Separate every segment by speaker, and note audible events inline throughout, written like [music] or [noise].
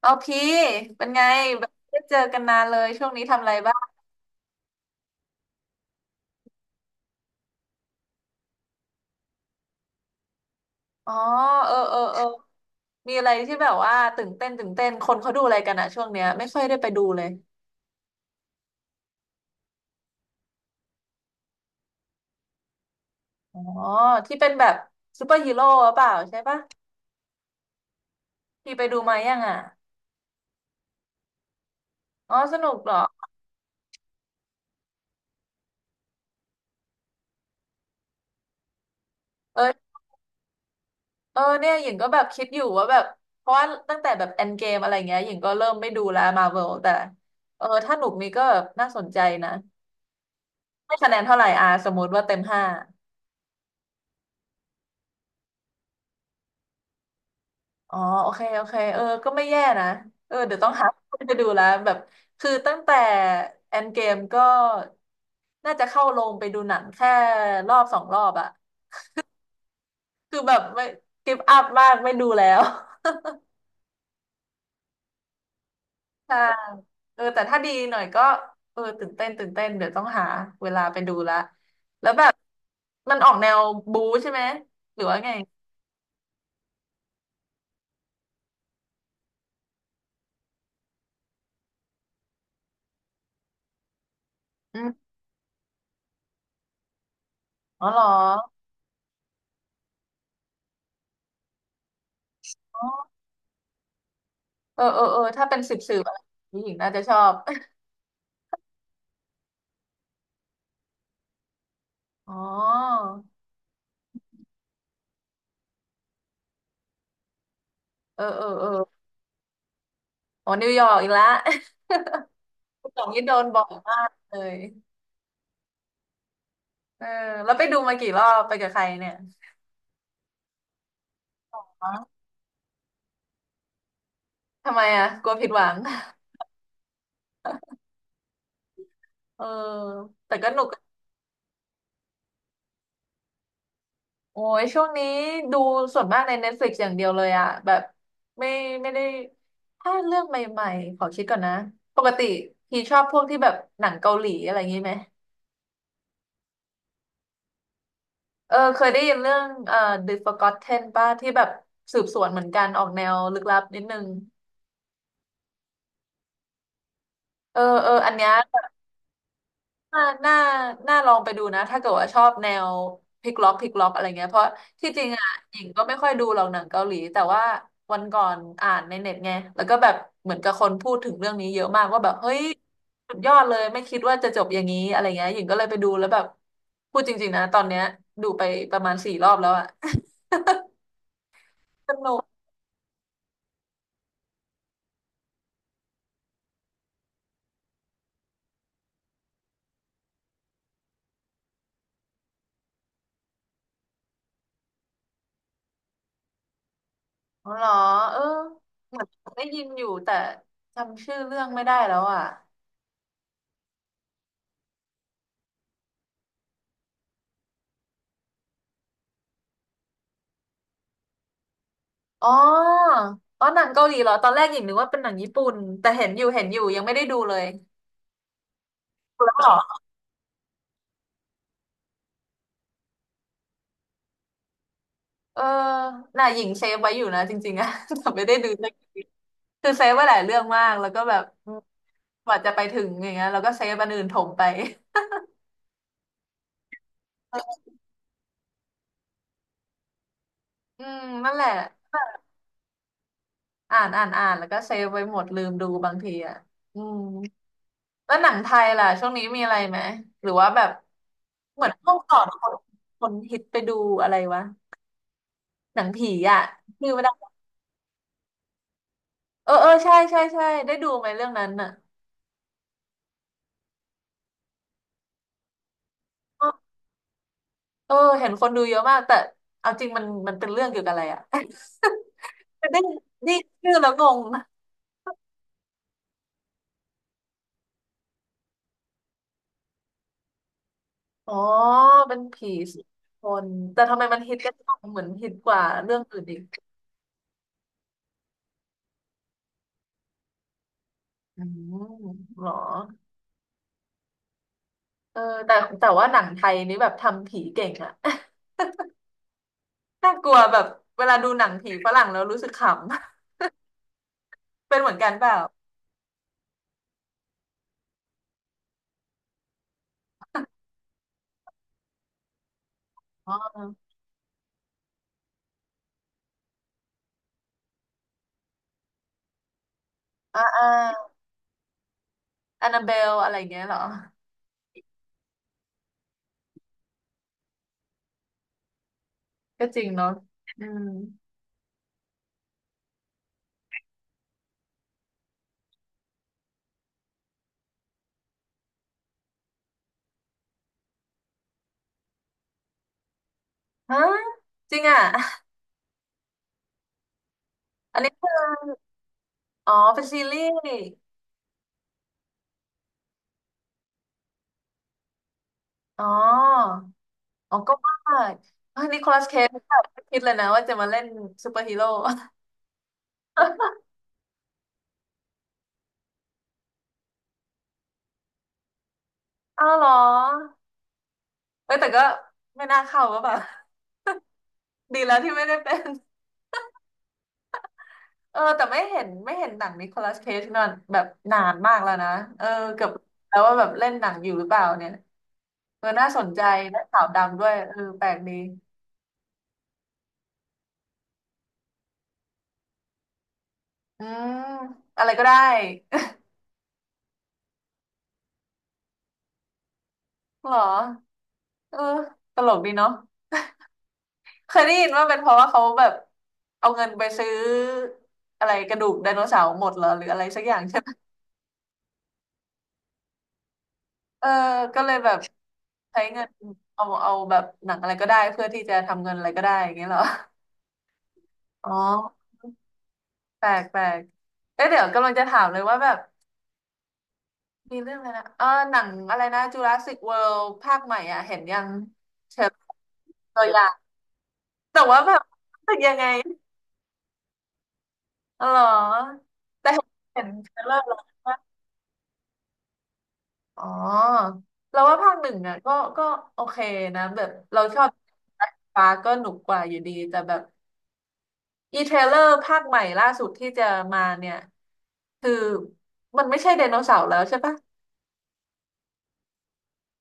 Speaker 1: โอเคเป็นไงแบบได้เจอกันนานเลยช่วงนี้ทำอะไรบ้างอ๋อเออมีอะไรที่แบบว่าตื่นเต้นคนเขาดูอะไรกันอะช่วงเนี้ยไม่ค่อยได้ไปดูเลยอ๋อที่เป็นแบบซูเปอร์ฮีโร่หรือเปล่าใช่ปะพี่ไปดูมายังอะอ๋อสนุกเหรอเออเออเนี่ยหญิงก็แบบคิดอยู่ว่าแบบเพราะว่าตั้งแต่แบบ e n d g a m e อะไรเงี้ยหญิงก็เริ่มไม่ดูแล้วมาเวลแต่เออถ้าหนุกนี้ก็แบบน่าสนใจนะให้คะแนนเท่าไหร่อาสมมติว่าเต็มห้า อ๋อ โอเคเออก็ไม่แย่นะเออเดี๋ยวต้องหาไปดูแล้วแบบคือตั้งแต่แอนเกมก็ น่าจะเข้าโรงไปดูหนังแค่รอบสองรอบอะ คือแบบไม่กิฟอัพมากไม่ดูแล้ว [laughs] ใช่เออแต่ถ้าดีหน่อยก็ เออ ตื่นเต้น เดี๋ยวต้องหาเวลาไปดูละแล้วแบบมันออกแนวบู๊ใช่ไหม หรือว่าไงอืมอ๋อเหรอ เออถ้าเป็นสืบอะไรผู้หญิงน่าจะชอบ [laughs] อ๋อเออ โอ้นิวยอร์กอีกแล้ว [laughs] คุณสองนี่โดนบ่อยมากเลยเออแล้วไปดูมากี่รอบไปกับใครเนี่ยฮะทำไมอ่ะกลัวผิดหวังเออแต่ก็หนุก โอ้ย ช่วงนี้ดูส่วนมากใน Netflix อย่างเดียวเลยอ่ะแบบไม่ไม่ได้ถ้าเรื่องใหม่ๆขอคิดก่อนนะ ปกติพี่ชอบพวกที่แบบหนังเกาหลีอะไรอย่างนี้ไหมเออเคยได้ยินเรื่องThe Forgotten ป่ะที่แบบสืบสวนเหมือนกันออกแนวลึกลับนิดนึงเอออันเนี้ย น่าน่าน่าลองไปดูนะถ้าเกิดว่าชอบแนวพลิกล็อกอะไรเงี้ยเพราะที่จริงอ่ะหญิงก็ไม่ค่อยดูหรอกหนังเกาหลีแต่ว่าวันก่อนอ่านในเน็ตไงแล้วก็แบบเหมือนกับคนพูดถึงเรื่องนี้เยอะมากว่าแบบเฮ้ยสุดยอดเลยไม่คิดว่าจะจบอย่างนี้อะไรเงี้ยหญิงก็เลยไปดูแล้วแบบพูดจริงๆนะตอนเนี้ยดูไปประมาณสี่รอบแล้วอะ [laughs] สนุกอ๋อเหรอเออเหมือนได้ยินอยู่แต่จำชื่อเรื่องไม่ได้แล้วอ่ะ อ๋ออ๋อหนังเกาหลีเหรอตอนแรกหญิงนึกว่าเป็นหนังญี่ปุ่นแต่เห็นอยู่ยังไม่ได้ดูเลยแล้วเหรอเออน่ะหญิงเซฟไว้อยู่นะจริงๆอะ [laughs] แต่ไม่ได้ดูสักทีคือเซฟไว้หลายเรื่องมากแล้วก็แบบอืมกว่าจะไปถึงอย่างเงี้ยแล้วก็เซฟอันอื่นถมไปอืมนั่นแหละอ่านอ่านอ่านแล้วก็เซฟไว้หมดลืมดูบางทีอ่ะอืมแล้วหนังไทยล่ะช่วงนี้มีอะไรไหมหรือว่าแบบเหมือนพวกก่อนคนฮิตไปดูอะไรวะหนังผีอะชื่ะ เออเออใช่ได้ดูไหมเรื่องนั้นน่ะเออเอห็นคนดูเยอะมากแต่เอาจริงมันเป็นเรื่องเกี่ยวกับอะไรอ่ะ [laughs] มัน [laughs] ได้นี่ชื่อแล้วงงอ๋อเป็นผีสิบคนแต่ทำไมมันฮิตกันจังเหมือนฮิตกว่าเรื่องอื่นอีกอืมเหรอเออแต่แต่ว่าหนังไทยนี่แบบทำผีเก่งอ่ะ [laughs] น่ากลัวแบบเวลาดูหนังผีฝรั่งแล้วรู้สึกขำ [laughs] เป็นเหมือนกันเปล่าอ๋ออ่าแอนนาเบลอะไรอย่างเงี้ยเหรอก็จริงเนาะอืม ฮะจริงอ่ะ [laughs] อันนี้คืออ๋อเป็นซีรีส์อ๋ออ๋อก็ว่าเฮ้ยนิโคลัสเคจแบบไม่คิดเลยนะว่าจะมาเล่นซูเปอร์ [laughs] ฮีโร่ [laughs] อ้าวเหรอเอ้ยแต่ก็ไม่น่าเข้าก็แบบ [laughs] ดีแล้วที่ไม่ได้เป็นเออแต่ไม่เห็นหนังนิโคลัสเคจนอนแบบนานมากแล้วนะเออเกือบแล้วว่าแบบเล่นหนังอยู่หรือเปล่าเนี่ยเออน่าสนใจและขาวดำด้วยเออแปลกดีอืมอะไรก็ได้ [laughs] เหรอ เออตลกดีเนาะเคยได้ยินว่าเป็นเพราะว่าเขาแบบเอาเงินไปซื้ออะไรกระดูกไดโนเสาร์หมดเหรอหรืออะไรสักอย่างใช่ไหมเออก็เลยแบบใช้เงินเอาแบบหนังอะไรก็ได้เพื่อที่จะทำเงินอะไรก็ได้อย่างเงี้ยเหรออ๋อแปลกเอ๊ะเดี๋ยวกำลังจะถามเลยว่าแบบมีเรื่องอะไรนะเออหนังอะไรนะจูราสสิกเวิลด์ภาคใหม่อ่ะเห็นยังเชิญตัวอย่างแต่ว่าแบบรู้สึกยังไงอ๋อเหรอแต่เห็นเทรลเลอร์แล้ว อ๋อเราว่าภาคหนึ่งอ่ะก็ก็โอเคนะแบบเราชอบฟ้าก็หนุกกว่าอยู่ดีแต่แบบอีเทรลเลอร์ภาคใหม่ล่าสุดที่จะมาเนี่ยคือมันไม่ใช่ไดโนเสาร์แล้วใช่ปะ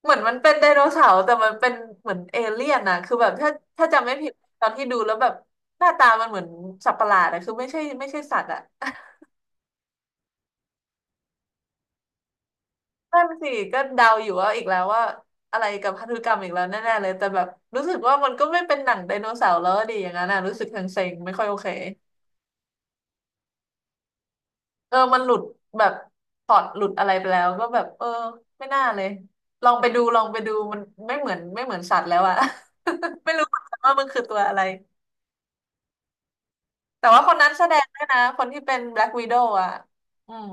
Speaker 1: เหมือนมันเป็นไดโนเสาร์แต่มันเป็นเหมือนเอเลี่ยนนะคือแบบถ้าจำไม่ผิดตอนที่ดูแล้วแบบหน้าตามันเหมือนสัตว์ประหลาดอะคือไม่ใช่สัตว์อะ นั่นสิก็เดาอยู่ว่าอีกแล้วว่าอะไรกับพันธุกรรมอีกแล้วแน่ๆเลยแต่แบบรู้สึกว่ามันก็ไม่เป็นหนังไดโนเสาร์แล้วดีอย่างนั้นนะรู้สึกเซ็งๆไม่ค่อยโอเคเออมันหลุดแบบพล็อตหลุดอะไรไปแล้วก็แบบเออไม่น่าเลยลองไปดูมันไม่เหมือนสัตว์แล้วอะ [laughs] ไม่รู้เหมือนกันว่ามันคือตัวอะไรแต่ว่าคนนั้นแสดงด้วยนะคนที่เป็นแบล็กว i ด o w อะอืม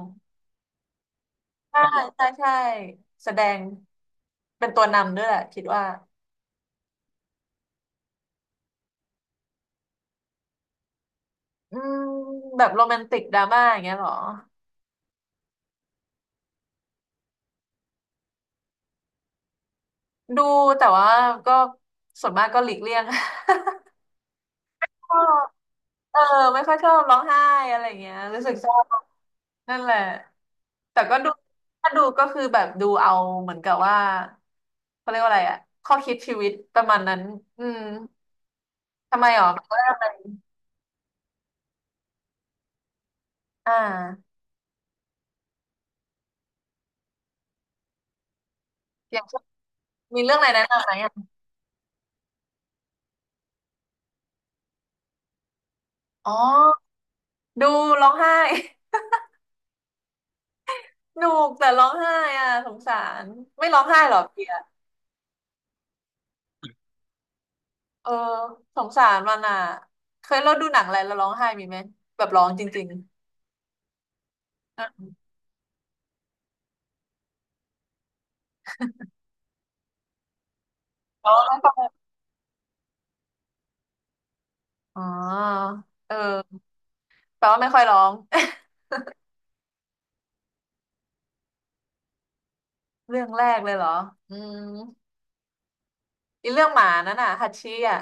Speaker 1: ใช่ใช่แสดงเป็นตัวนำด้วยแหละคิดว่า อืมแบบโรแมนติกดราม่าอย่างเงี้ยเหรอดูแต่ว่าก็ส่วนมากก็หลีกเลี่ยง [laughs] ก็เออไม่ค่อยชอบร้องไห้อะไรอย่างเงี้ยรู้สึกชอบนั่นแหละแต่ก็ดูถ้าดูก็คือแบบดูเอาเหมือนกับว่าเขาเรียกว่าอะไรอะข้อคิดชีวิตประมาณนั้นอืมทำไมหรอแบบว่าอะไรอ่าอย่างเช่นมีเรื่องอะไรแนะนำไหมอะอ๋อดูร้องไห้ [laughs] หนูกแต่ร้องไห้อ่ะสงสารไม่ร้องไห้หรอเปีย เออสงสารมันอ่ะเคยเราดูหนังอะไรแล้วร้องไห้มีไหมแบบร้องจริงๆอ่ะร้องแล้วก็อ๋อเออแปลว่าไม่ค่อยร้อง [laughs] เรื่องแรกเลยเหรออืมอีเรื่องหมานั่นน่ะฮัตชี่อ่ะ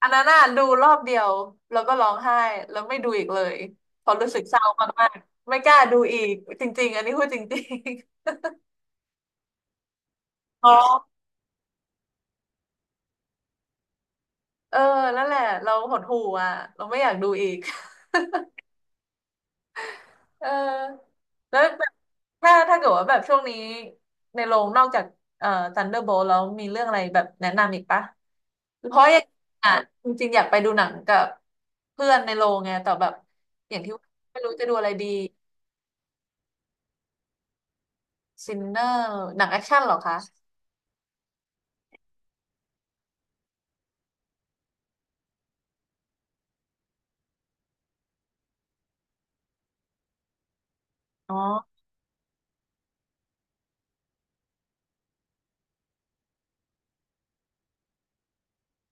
Speaker 1: อันนั้นน่ะดูรอบเดียวแล้วก็ร้องไห้แล้วไม่ดูอีกเลยเพอรู้สึกเศร้ามากๆไม่กล้าดูอีกจริงๆอันนี้พูดจริงๆอ๋อ [laughs] เออนั่นแหละเราหดหู่อ่ะเราไม่อยากดูอีก เออแล้วแบบถ้าเกิดว่าแบบช่วงนี้ในโรงนอกจากThunderbolt แล้วมีเรื่องอะไรแบบแนะนำอีกปะเพราะอย่างอ่ะจริงๆอยากไปดูหนังกับเพื่อนในโรงไงแต่แบบอย่างที่ว่าไม่รู้จะดูอะไรดีซินเนอร์หนังแอคชั่นเหรอคะอ๋อ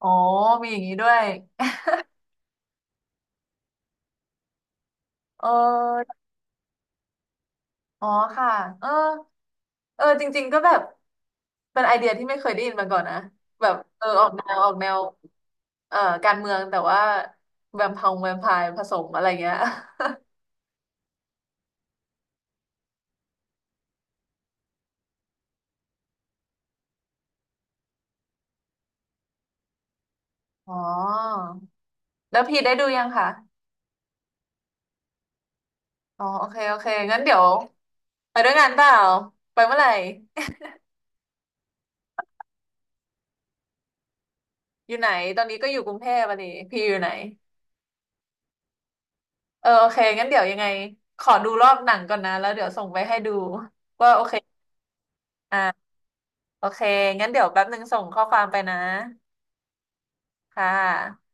Speaker 1: อ๋อมีอย่างนี้ด้วยเออ อ๋อค่ะเออเออจริงๆก็แบบเป็นไอเดียที่ไม่เคยได้ยินมาก่อนนะแบบเออออกแนวการเมืองแต่ว่าแวมพองแวมไพร์ผสมอะไรเงี้ย [laughs] อ๋อแล้วพีได้ดูยังคะอ๋อโอเคงั้นเดี๋ยวไปด้วยกันเปล่าไปเมื่อไหร่ [laughs] อยู่ไหนตอนนี้ก็อยู่กรุงเทพอ่ะนีพี่อยู่ไหนเออโอเคงั้นเดี๋ยวยังไงขอดูรอบหนังก่อนนะแล้วเดี๋ยวส่งไปให้ดูว่าโอเคอ่า โอเค งั้นเดี๋ยวแป๊บนึงส่งข้อความไปนะ ค่ะ